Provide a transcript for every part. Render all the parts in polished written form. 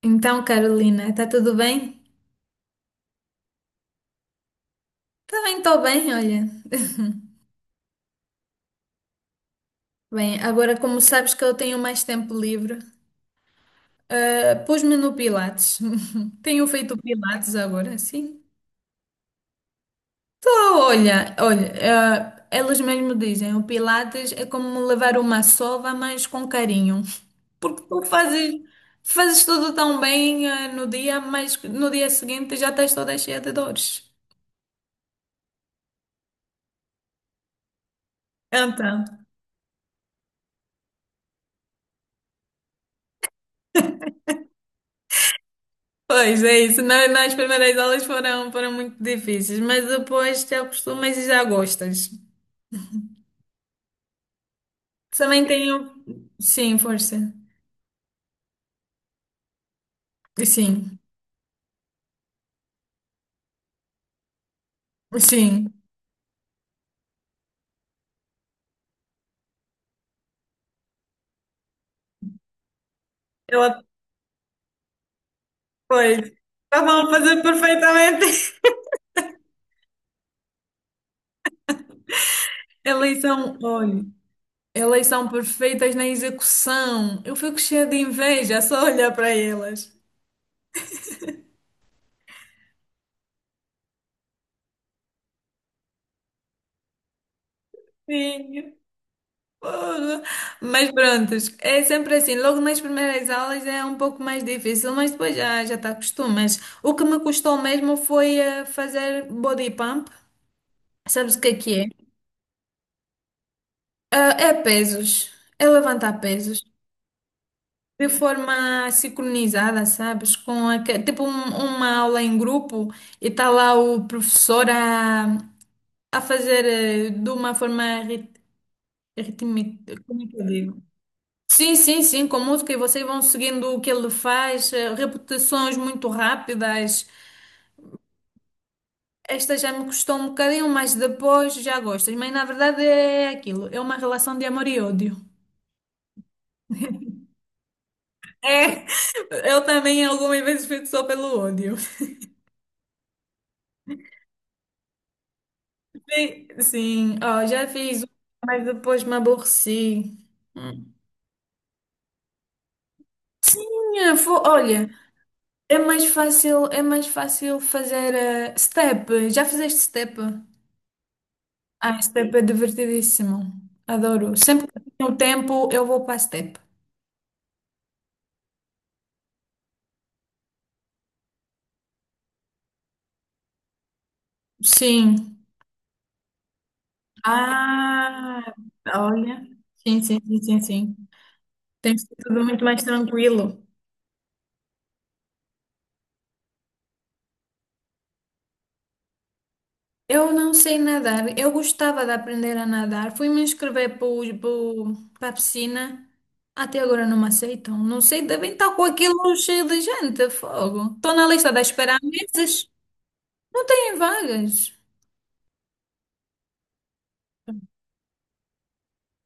Então, Carolina, está tudo bem? Também estou bem, olha. Bem, agora como sabes que eu tenho mais tempo livre, pus-me no Pilates. Tenho feito Pilates agora, sim. Estou, olha, olha, elas mesmo dizem, o Pilates é como levar uma sova, mas com carinho. Porque fazes tudo tão bem, no dia, mas no dia seguinte já estás toda cheia de dores. Então. Pois é isso. Nas primeiras aulas foram muito difíceis, mas depois te acostumas e já gostas. Também tenho. Sim, força. Sim, sim. Ela, pois. Estavam a fazer perfeitamente. Elas são, olha, elas são perfeitas na execução. Eu fico cheia de inveja só olhar para elas. Sim. Porra. Mas pronto, é sempre assim. Logo nas primeiras aulas é um pouco mais difícil, mas depois já te acostumas. O que me custou mesmo foi fazer body pump. Sabes o que é que é? Ah, é pesos, é levantar pesos de forma sincronizada, sabes? Com tipo uma aula em grupo e está lá o professor a fazer de uma forma ritmi- como é que eu digo? Sim, sim, sim, com música e vocês vão seguindo o que ele faz, repetições muito rápidas. Esta já me custou um bocadinho, mas depois já gostas. Mas na verdade é aquilo, é uma relação de amor e ódio. É, eu também algumas vezes fico só pelo ódio. Sim, sim, ó, já fiz, um, mas depois me aborreci. Hum. Sim, olha, é mais fácil fazer step. Já fizeste step? Ah, step é divertidíssimo. Adoro. Sempre que tenho tempo, eu vou para step. Sim. Ah, olha. Sim, sim, sim, sim, sim. Tem sido tudo muito mais tranquilo. Eu não sei nadar. Eu gostava de aprender a nadar. Fui me inscrever para a piscina. Até agora não me aceitam. Não sei, devem estar com aquilo cheio de gente. Fogo. Estou na lista da espera há meses. Não têm vagas.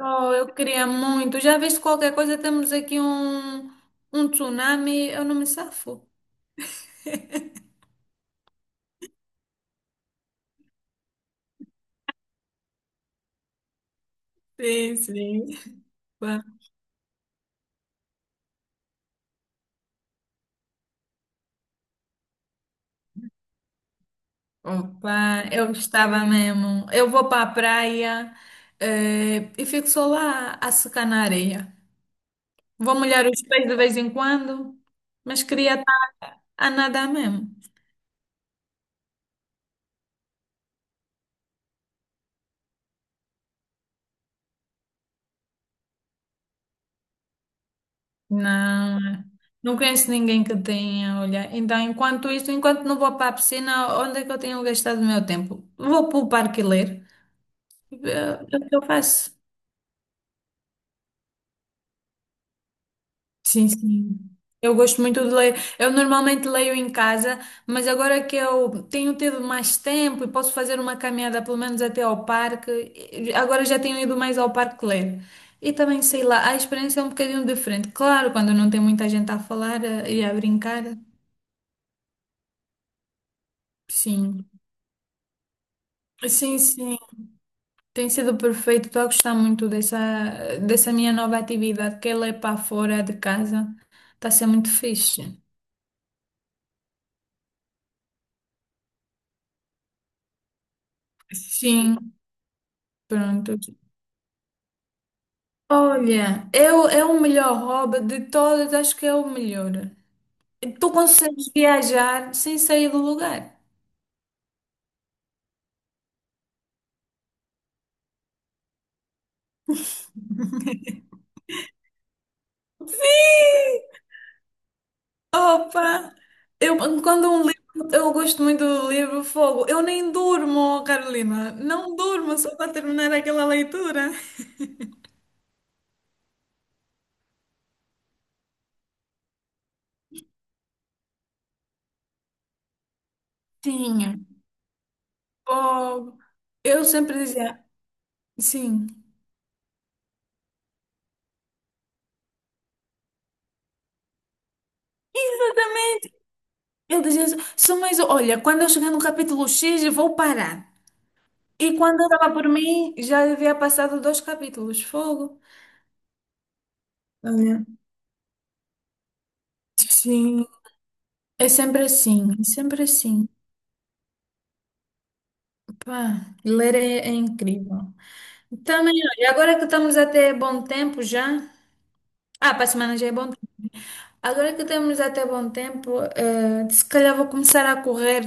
Oh, eu queria muito. Já viste qualquer coisa? Temos aqui um, um tsunami. Eu não me safo. Sim, sim. Opa, opa, eu gostava mesmo. Eu vou para a praia, e fico só lá a secar na areia. Vou molhar os pés de vez em quando, mas queria estar a nadar mesmo. Não, não conheço ninguém que tenha, olha. Então, enquanto isto, enquanto não vou para a piscina, onde é que eu tenho gastado o meu tempo? Vou para o parque ler. É é o que eu faço. Sim, sim. Eu gosto muito de ler. Eu normalmente leio em casa, mas agora que eu tenho tido mais tempo e posso fazer uma caminhada pelo menos até ao parque, agora já tenho ido mais ao parque ler. E também, sei lá, a experiência é um bocadinho diferente. Claro, quando não tem muita gente a falar e a brincar, sim. Sim, sim. Tem sido perfeito. Estou a gostar muito dessa, dessa minha nova atividade, que é ler para fora de casa. Está a ser muito fixe. Sim. Pronto. Olha, eu, é o melhor hobby de todas, acho que é o melhor. Tu consegues viajar sem sair do lugar. Sim! Opa! Eu, quando um livro, eu gosto muito do livro Fogo. Eu nem durmo, Carolina. Não durmo só para terminar aquela leitura. Tinha. Oh. Eu sempre dizia, sim. Exatamente. Eu dizia, só mais, olha, quando eu chegar no capítulo X, eu vou parar. E quando eu estava por mim, já havia passado dois capítulos. Fogo. Olha, sim. É sempre assim, é sempre assim. Pá, ler é incrível. Também, olha, agora que estamos até bom tempo já. Ah, para a semana já é bom tempo. Né? Agora que temos até bom tempo, se calhar vou começar a correr.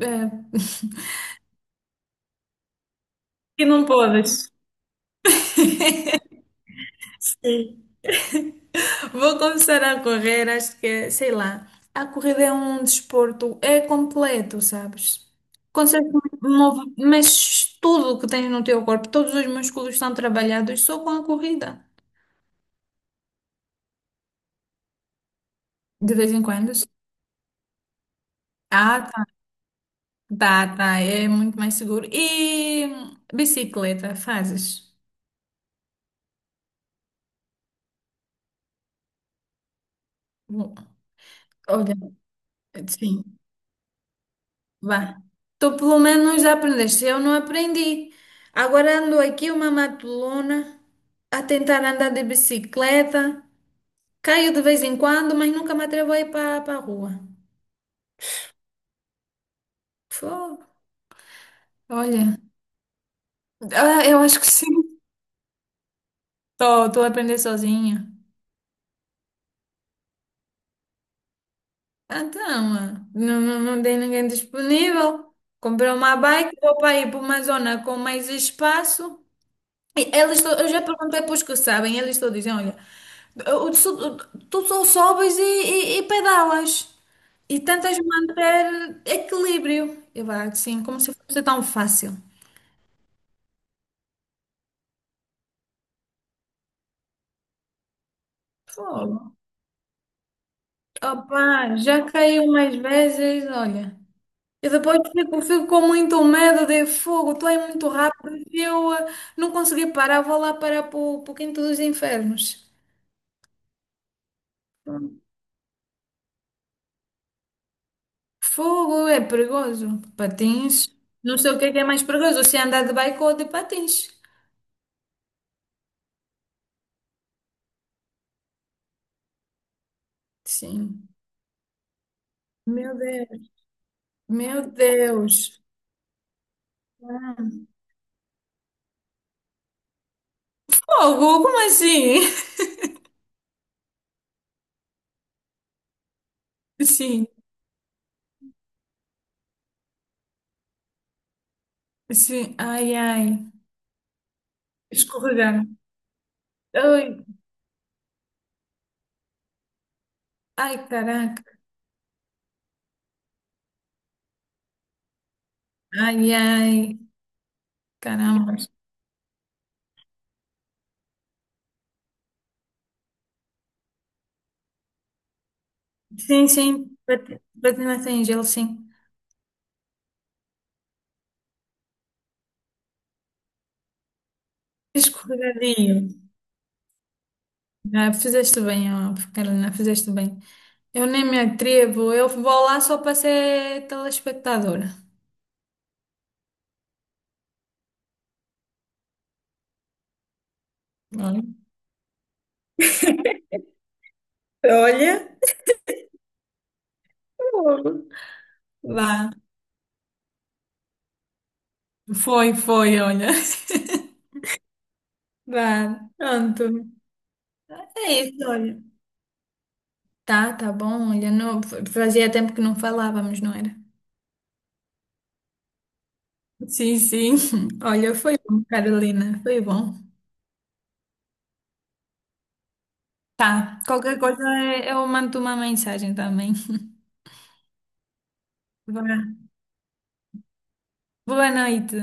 eh, que não podes. Vou começar a correr, acho que, sei lá, a corrida é um desporto, é completo, sabes? Consegues mover, mas tudo o que tens no teu corpo, todos os músculos estão trabalhados só com a corrida. De vez em quando. Sim. Ah, tá, tá, tá, é muito mais seguro. E bicicleta, fazes? Bom, olha, sim. Vá. Tu pelo menos aprendeste, eu não aprendi. Agora ando aqui uma matulona a tentar andar de bicicleta. Caio de vez em quando, mas nunca me atrevo a ir para a rua. Fô, olha, eu acho que sim. Estou a aprender sozinha. Ah, então, ah, não, não, não tem ninguém disponível. Comprei uma bike, vou para ir para uma zona com mais espaço. E elas, eu já perguntei para os que sabem, eles todos dizem, olha, o- o- tu só sobes e pedalas. E tentas manter equilíbrio. Eu vá assim, como se fosse tão fácil. Fogo. Opa, já caiu umas vezes, olha. E depois fico com muito medo de fogo, tu é muito rápido. E eu não consegui parar, vou lá parar para o quinto dos infernos. Fogo é perigoso. Patins. Não sei o que é mais perigoso, se é andar de bike ou de patins. Sim. Meu Deus. Meu Deus. Fogo, como assim? Sim, sim. Ai, ai. Escorregar. Ai, ai, caraca. Ai, ai. Caramba. Sim, sim. Patinação em gelo, sim. Escorregadio. Ah, fizeste bem, ó, Carolina, fizeste bem. Eu nem me atrevo, eu vou lá só para ser telespectadora. Olha. Olha, oh. Vá. Foi, foi, olha. Vá, pronto. É isso, olha. Tá, tá bom, olha. Não, fazia tempo que não falávamos, não era? Sim, sim. Olha, foi bom, Carolina, foi bom. Tá. Qualquer coisa eu mando uma mensagem também. Vá. Boa noite.